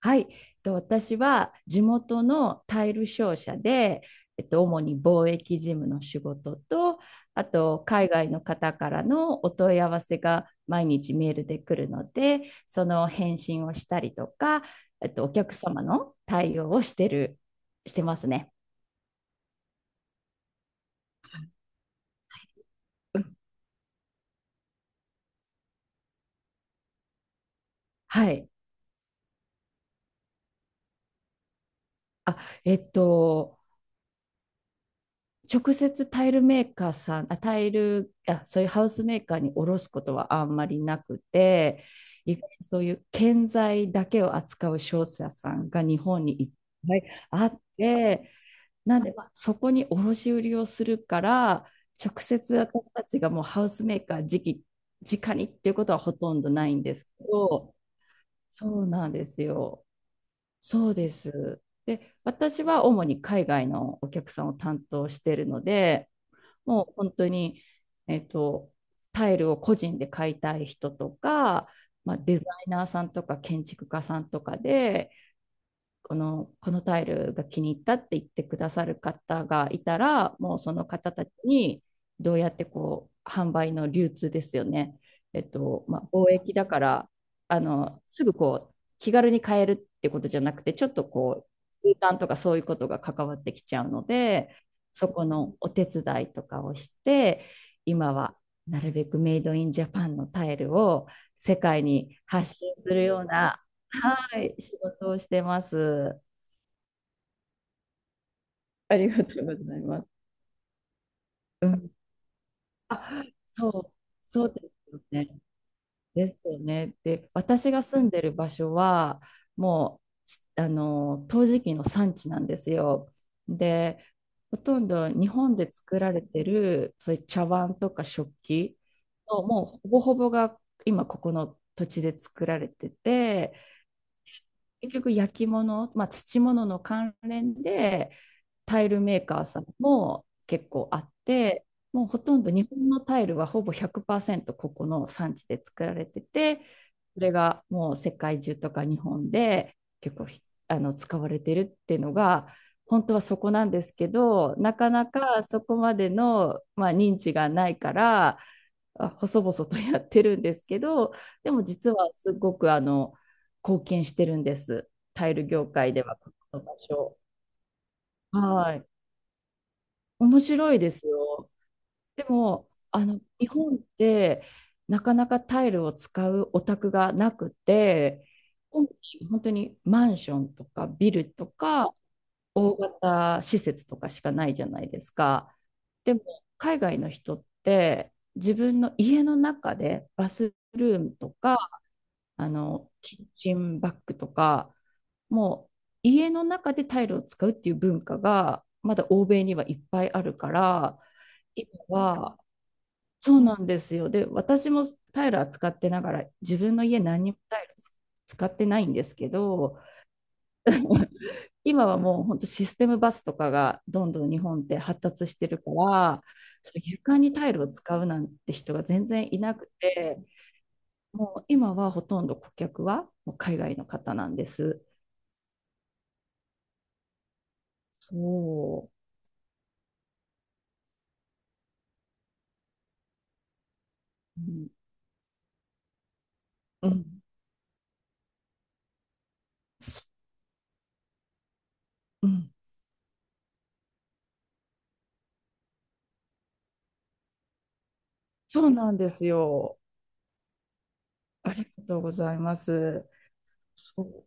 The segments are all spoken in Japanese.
はい、私は地元のタイル商社で、主に貿易事務の仕事と、あと海外の方からのお問い合わせが毎日メールで来るので、その返信をしたりとか、お客様の対応をしてる、してますね。うん、はい。あ、えっと、直接タイルメーカーさん、あ、タイル、あ、そういうハウスメーカーに卸すことはあんまりなくて、意外にそういう建材だけを扱う商社さんが日本にいっぱいあって、なんで、まあそこに卸売りをするから、直接私たちがもうハウスメーカー直に、直にっていうことはほとんどないんですけど、そうなんですよ。そうです。で、私は主に海外のお客さんを担当しているので、もう本当に、えっと、タイルを個人で買いたい人とか、まあ、デザイナーさんとか建築家さんとかでこのタイルが気に入ったって言ってくださる方がいたら、もうその方たちにどうやってこう販売の流通ですよね、えっとまあ、貿易だから、あのすぐこう気軽に買えるってことじゃなくて、ちょっとこう空間とかそういうことが関わってきちゃうので、そこのお手伝いとかをして、今はなるべくメイドインジャパンのタイルを世界に発信するような、はい、仕事をしてます。ありがとうございます。うん。あ、そう、そうですよね。ですよね。で、私が住んでる場所は、もう、あの、陶磁器の産地なんですよ。で、ほとんど日本で作られてる、そういう茶碗とか食器の、もうほぼほぼが今ここの土地で作られてて、結局焼き物、まあ、土物の関連で、タイルメーカーさんも結構あって、もうほとんど日本のタイルはほぼ100%ここの産地で作られてて、それがもう世界中とか日本で結構あの使われてるっていうのが、本当はそこなんですけど、なかなかそこまでの、まあ、認知がないから、あ細々とやってるんですけど、でも実はすごくあの貢献してるんです、タイル業界では、この場所。はい。面白いですよ。でも、あの、日本ってなかなかタイルを使うお宅がなくて、本本当にマンションとかビルとか大型施設とかしかないじゃないですか。でも、海外の人って自分の家の中でバスルームとか、あの、キッチンバッグとか、もう家の中でタイルを使うっていう文化がまだ欧米にはいっぱいあるから、今は、そうなんですよ。で私もタイルは使ってながら自分の家何にもタイル使ってないんですけど。 今はもう本当システムバスとかがどんどん日本って発達してるから、そう床にタイルを使うなんて人が全然いなくて、もう今はほとんど顧客はもう海外の方なんです。そう、うんうん、そう、ん、そうなんですよ。ありがとうございます。そう。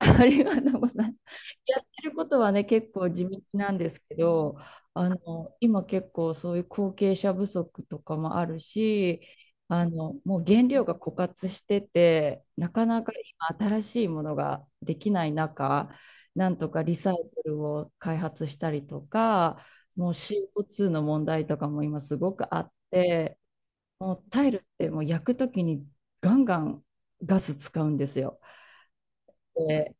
ありがとうございます。やってることはね、結構地道なんですけど、あの、今結構そういう後継者不足とかもあるし、あの、もう原料が枯渇してて、なかなか今新しいものができない中、なんとかリサイクルを開発したりとか、もう CO2 の問題とかも今すごくあって、もうタイルってもう焼くときにガンガンガス使うんですよ。で、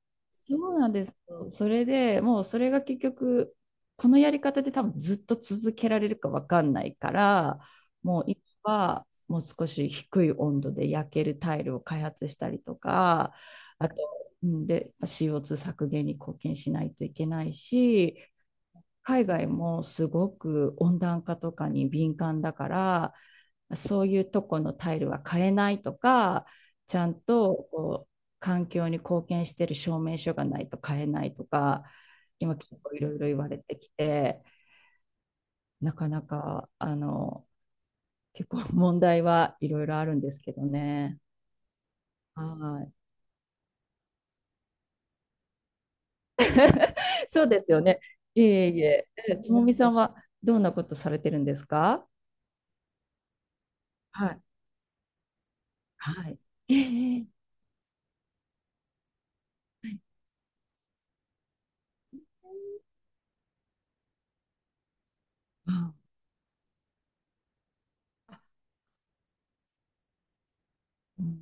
そうなんですよ。それでもうそれが結局このやり方で多分ずっと続けられるかわかんないから、もう今はもう少し低い温度で焼けるタイルを開発したりとか、あと、うんで CO2 削減に貢献しないといけないし、海外もすごく温暖化とかに敏感だから、そういうとこのタイルは買えないとか、ちゃんとこう環境に貢献してる証明書がないと買えないとか、今結構いろいろ言われてきて、なかなかあの結構問題はいろいろあるんですけどね。はい、そうですよね。いえいえ。えともみさんはどんなことされてるんですか？はい。はい。ええええ、あ、うん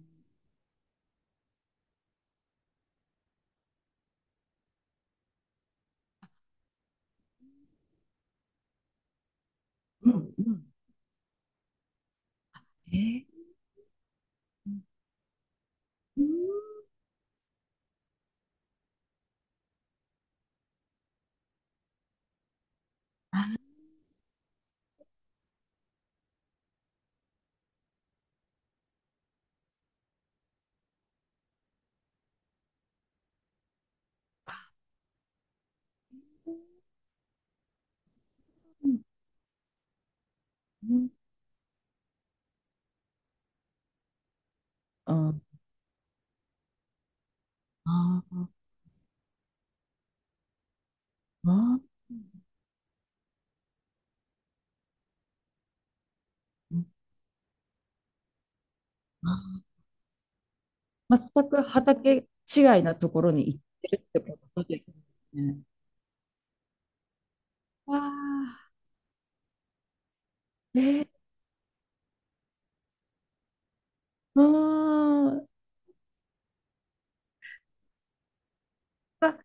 うんうん。えー、うん。あー、うんうん。ああ、ああ、うん、あー、全く畑違いなところに行ってるってことですね。わあ、えー、うーん。あ、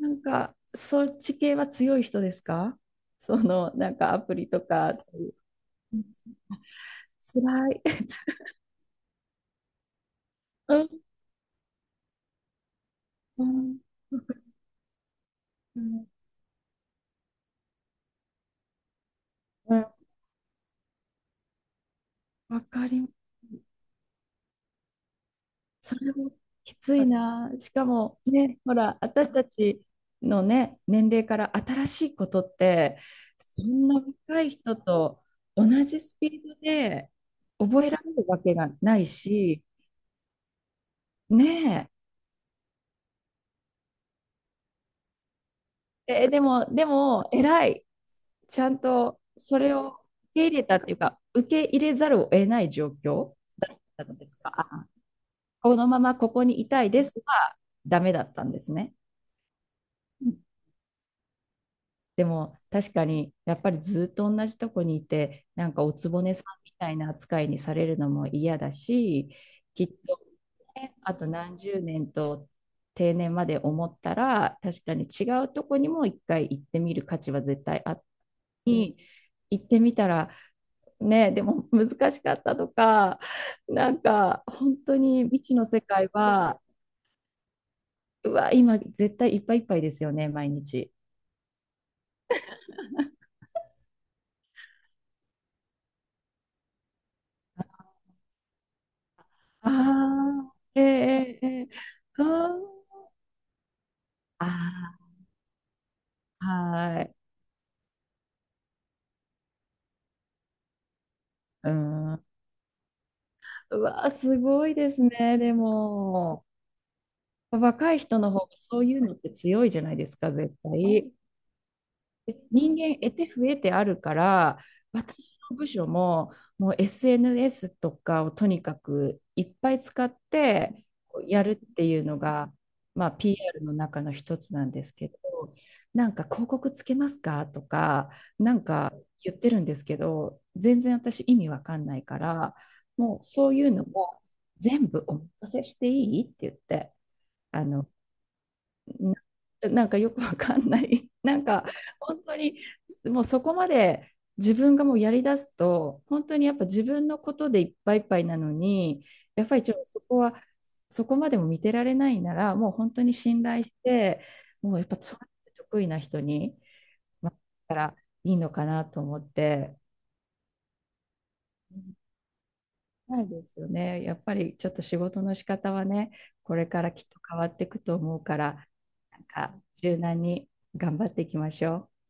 なんか、そっち系は強い人ですか？その、なんかアプリとか、そういう。うん、辛い。うん、うん、うん、わかります。それもきついな。しかもね、ほら、私たちのね、年齢から新しいことって、そんな若い人と同じスピードで覚えられるわけがないし、ねでも、偉い。ちゃんとそれを受け入れたっていうか、受け入れざるを得ない状況だったんですか。あ、このままここにいたいですは、ダメだったんですね。でも確かにやっぱりずっと同じとこにいてなんかおつぼねさんみたいな扱いにされるのも嫌だし、きっと、ね、あと何十年と定年まで思ったら確かに違うとこにも一回行ってみる価値は絶対あって、行ってみたらね、でも難しかったとか、なんか本当に未知の世界は、うわ今絶対いっぱいいっぱいですよね毎日。ああ、ええええ、ああー、はい。うん。うわー、すごいですね。でも、若い人の方がそういうのって強いじゃないですか、絶対。人間得て増えてあるから、私の部署ももう SNS とかをとにかくいっぱい使ってやるっていうのが、まあ、PR の中の一つなんですけど、なんか広告つけますかとか、なんか言ってるんですけど全然私意味わかんないから、もうそういうのも全部お任せしていいって言って。あの、なんかよくわかんない。なんか本当にもうそこまで自分がもうやりだすと本当にやっぱ自分のことでいっぱいいっぱいなのに、やっぱりちょっとそこはそこまでも見てられないなら、もう本当に信頼して、もうやっぱそうやって得意な人に回ったらいいのかなと思って。ないですよね。やっぱりちょっと仕事の仕方はね、これからきっと変わっていくと思うから、なんか柔軟に頑張っていきましょう。